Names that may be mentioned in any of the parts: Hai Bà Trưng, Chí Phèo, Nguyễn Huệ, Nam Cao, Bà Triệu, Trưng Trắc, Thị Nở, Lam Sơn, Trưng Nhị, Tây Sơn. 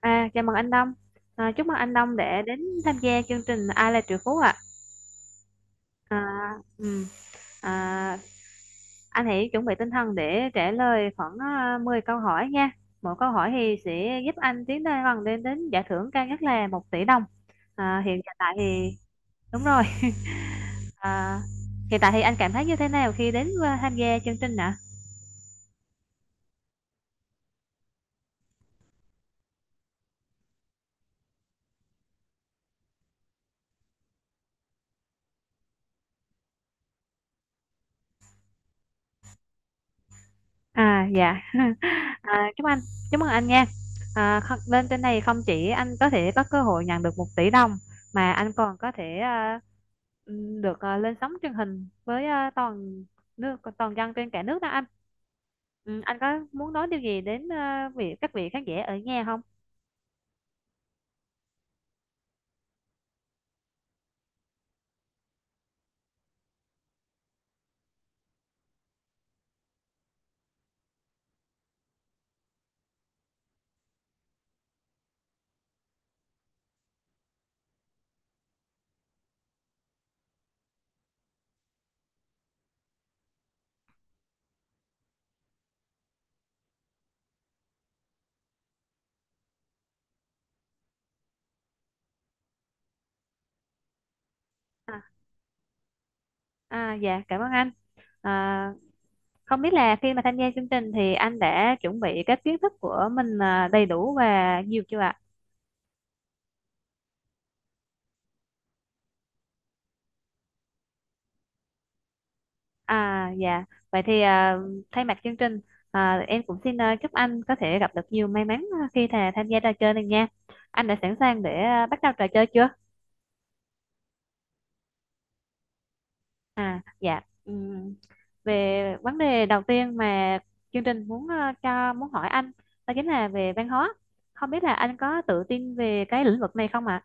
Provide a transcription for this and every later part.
Chào mừng anh Đông. Chúc mừng anh Đông để đến tham gia chương trình Ai là triệu phú ạ. À, ừm, à, anh hãy chuẩn bị tinh thần để trả lời khoảng 10 câu hỏi nha. Mỗi câu hỏi thì sẽ giúp anh tiến lên gần đến đến giải thưởng cao nhất là 1 tỷ đồng. Hiện tại thì đúng rồi. À, Hiện tại thì anh cảm thấy như thế nào khi đến tham gia chương trình ạ? Dạ. À, chúc anh Chúc mừng anh nha. Lên trên này không chỉ anh có thể có cơ hội nhận được 1 tỷ đồng mà anh còn có thể được lên sóng truyền hình với toàn dân trên cả nước đó anh. Ừ, anh có muốn nói điều gì đến à, vị các vị khán giả ở nhà không? À, dạ cảm ơn anh. À, Không biết là khi mà tham gia chương trình thì anh đã chuẩn bị các kiến thức của mình đầy đủ và nhiều chưa ạ? Dạ, vậy thì thay mặt chương trình em cũng xin chúc anh có thể gặp được nhiều may mắn khi thà tham gia trò chơi này nha. Anh đã sẵn sàng để bắt đầu trò chơi chưa? Dạ. Về vấn đề đầu tiên mà chương trình muốn à, cho muốn hỏi anh, đó chính là về văn hóa. Không biết là anh có tự tin về cái lĩnh vực này không ạ?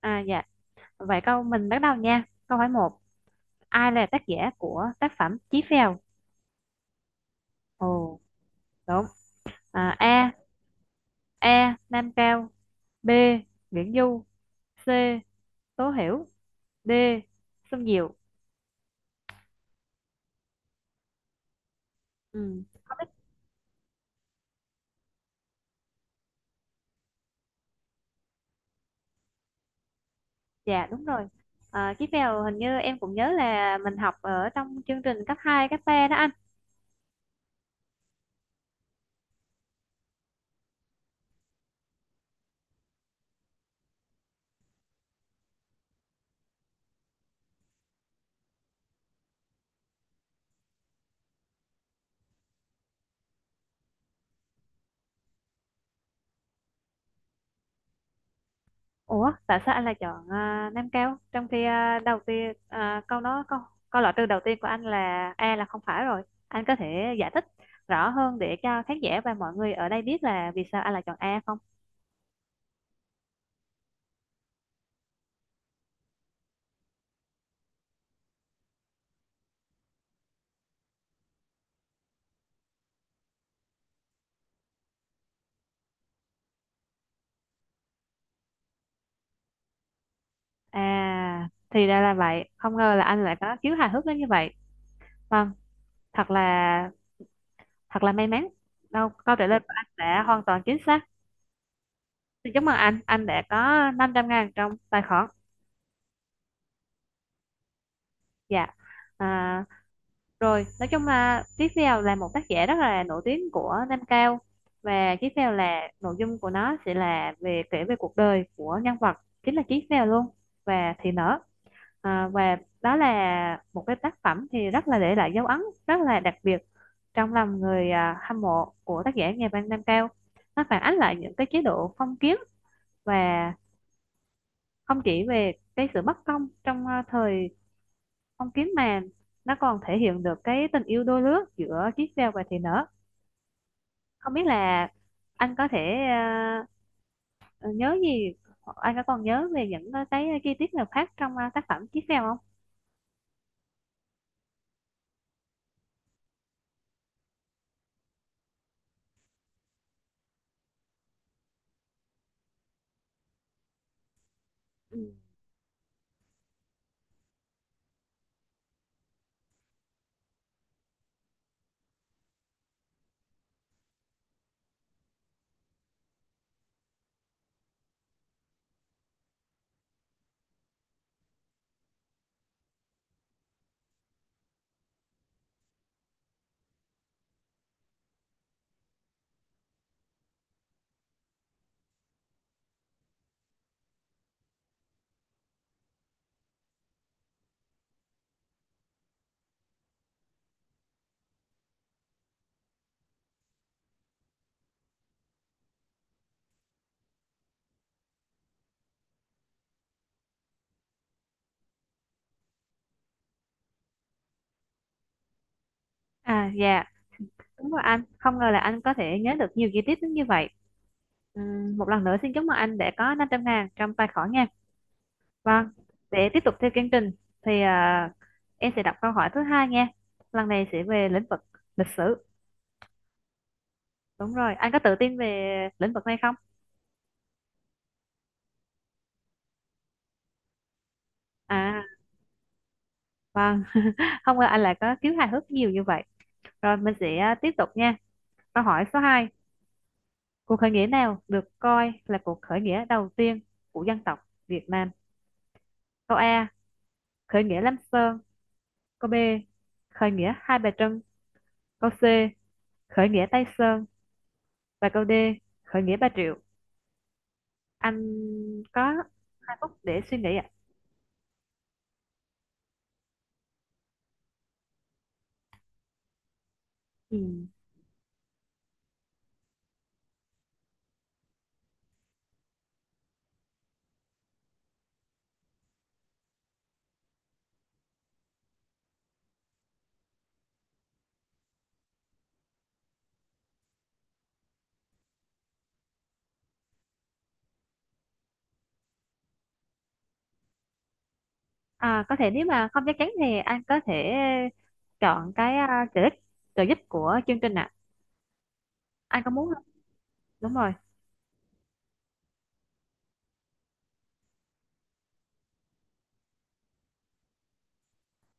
Dạ. Vậy câu mình bắt đầu nha. Câu hỏi một. Ai là tác giả của tác phẩm Chí Phèo? Ồ, đúng. À, A. A. Nam Cao. B. Nguyễn Du. C. Tố Hiểu. D. Xuân Diệu. Ừ. Không biết. Dạ đúng rồi. Chiếc mèo hình như em cũng nhớ là mình học ở trong chương trình cấp 2 cấp 3 đó anh. Ủa, tại sao anh lại chọn Nam Cao trong khi đầu tiên à, câu đó câu câu loại trừ đầu tiên của anh là A là không phải rồi, anh có thể giải thích rõ hơn để cho khán giả và mọi người ở đây biết là vì sao anh lại chọn A không? Thì ra là vậy. Không ngờ là anh lại có khiếu hài hước đến như vậy. Vâng, thật là Thật là may mắn. Đâu, câu trả lời của anh đã hoàn toàn chính xác. Xin chúc mừng anh đã có 500.000 trong tài khoản. Dạ. À, Rồi, nói chung là tiếp theo là một tác giả rất là nổi tiếng của Nam Cao. Và tiếp theo là nội dung của nó sẽ là về kể về cuộc đời của nhân vật chính là Tiếp Phèo luôn và Thị Nở. Và đó là một cái tác phẩm thì rất là để lại dấu ấn rất là đặc biệt trong lòng người hâm mộ của tác giả nhà văn Nam Cao. Nó phản ánh lại những cái chế độ phong kiến và không chỉ về cái sự bất công trong thời phong kiến, mà nó còn thể hiện được cái tình yêu đôi lứa giữa Chí Phèo và Thị Nở. Không biết là anh có thể ờ, nhớ gì hoặc anh có còn nhớ về những cái chi tiết nào khác trong tác phẩm Chí Phèo không? Ừ. Dạ đúng rồi. Anh không ngờ là anh có thể nhớ được nhiều chi tiết đến như vậy. Một lần nữa xin chúc mừng anh đã có 500 ngàn trong tài khoản nha. Vâng, để tiếp tục theo chương trình thì em sẽ đọc câu hỏi thứ hai nha. Lần này sẽ về lĩnh vực lịch sử. Đúng rồi, anh có tự tin về lĩnh vực này không? À, vâng, không ngờ anh lại có khiếu hài hước nhiều như vậy. Rồi mình sẽ tiếp tục nha. Câu hỏi số hai. Cuộc khởi nghĩa nào được coi là cuộc khởi nghĩa đầu tiên của dân tộc Việt Nam? Câu A. Khởi nghĩa Lam Sơn. Câu B. Khởi nghĩa Hai Bà Trưng. Câu C. Khởi nghĩa Tây Sơn. Và câu D. Khởi nghĩa Bà Triệu. Anh có 2 phút để suy nghĩ ạ. Ừ. Có thể nếu mà không chắc chắn thì anh có thể chọn cái trợ giúp của chương trình ạ. Anh có muốn không? Đúng rồi.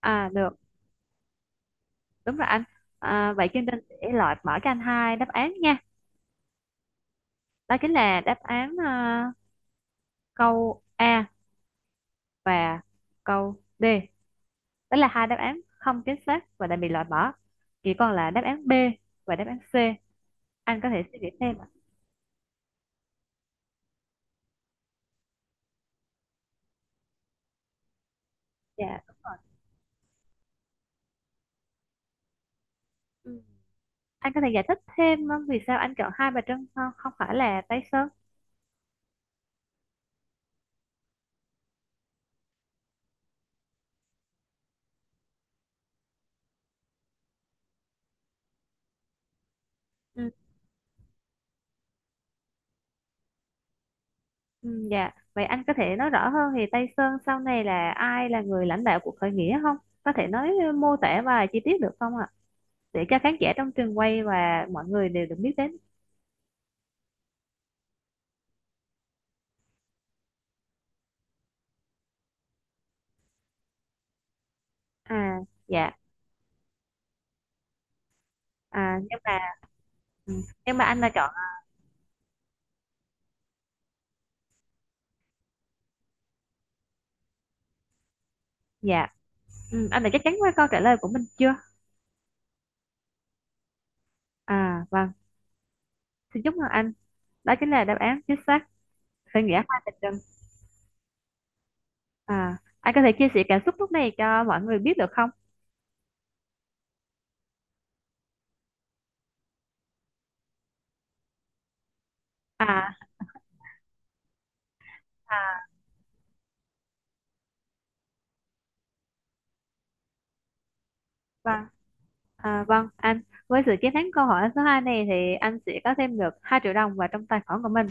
Được, đúng rồi anh. Vậy chương trình sẽ loại mở cho anh hai đáp án nha. Đó chính là đáp án câu A và câu D. Đó là hai đáp án không chính xác và đã bị loại bỏ. Chỉ còn là đáp án B và đáp án C. Anh có thể suy nghĩ thêm ạ. Dạ đúng rồi. Ừ. Anh có thể giải thích thêm vì sao anh chọn Hai Bà Trưng, không không phải là Tây Sơn? Ừ, ừ, dạ. Vậy anh có thể nói rõ hơn thì Tây Sơn sau này là ai là người lãnh đạo cuộc khởi nghĩa không? Có thể nói mô tả và chi tiết được không ạ? Để cho khán giả trong trường quay và mọi người đều được biết đến. À, dạ. À, nhưng mà ừ, nhưng mà anh đã chọn. Dạ. Ừ, anh đã chắc chắn với câu trả lời của mình chưa? Vâng. Xin chúc mừng anh. Đó chính là đáp án chính xác. Khởi nghĩa Hai Bà Trưng. Anh có thể chia sẻ cảm xúc lúc này cho mọi người biết được không? À, À. Vâng, à, vâng anh với sự chiến thắng câu hỏi số 2 này thì anh sẽ có thêm được 2 triệu đồng vào trong tài khoản của mình.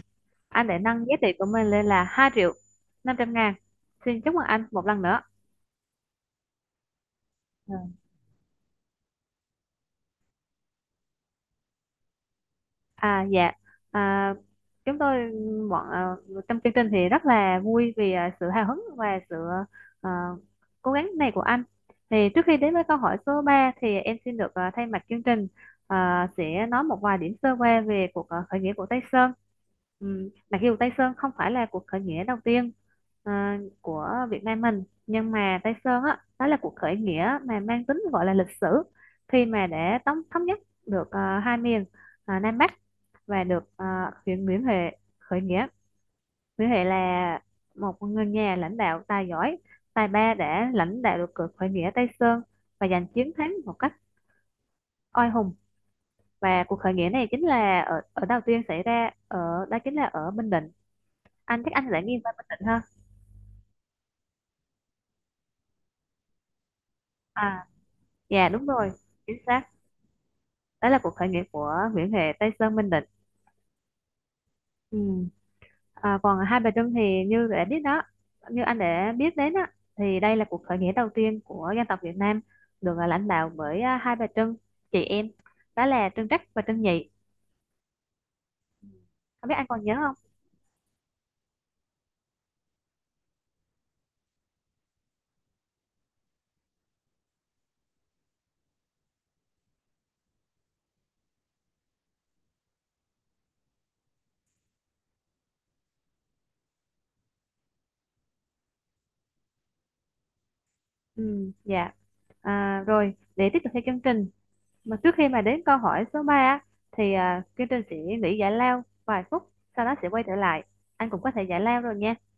Anh để nâng giá trị của mình lên là 2.500.000. Xin chúc mừng anh một lần nữa. Dạ, à, chúng tôi bọn à, trong chương trình thì rất là vui vì sự hào hứng và sự à, cố gắng này của anh. Thì trước khi đến với câu hỏi số 3 thì em xin được thay mặt chương trình sẽ nói một vài điểm sơ qua về cuộc khởi nghĩa của Tây Sơn. Ừ, mặc dù Tây Sơn không phải là cuộc khởi nghĩa đầu tiên của Việt Nam mình, nhưng mà Tây Sơn á, đó là cuộc khởi nghĩa mà mang tính gọi là lịch sử, khi mà để tống thống nhất được hai miền Nam Bắc và được huyện Nguyễn Huệ khởi nghĩa. Nguyễn Huệ là một người nhà lãnh đạo tài giỏi, tài ba đã lãnh đạo được cuộc khởi nghĩa Tây Sơn và giành chiến thắng một cách oai hùng. Và cuộc khởi nghĩa này chính là ở ở đầu tiên xảy ra ở đó chính là ở Bình Định. Anh chắc anh sẽ nghiêng về Bình Định ha. À, dạ đúng rồi, chính xác. Đó là cuộc khởi nghĩa của Nguyễn Huệ Tây Sơn Bình Định. Ừ. Còn hai bà Trưng thì như đã biết đó, như anh đã biết đến á, thì đây là cuộc khởi nghĩa đầu tiên của dân tộc Việt Nam được lãnh đạo bởi hai bà Trưng, chị em, đó là Trưng Trắc và Trưng Nhị. Không biết anh còn nhớ không? Ừ, dạ. Rồi, để tiếp tục theo chương trình, mà trước khi mà đến câu hỏi số 3 á, thì chương trình sẽ nghỉ giải lao vài phút, sau đó sẽ quay trở lại. Anh cũng có thể giải lao rồi nha.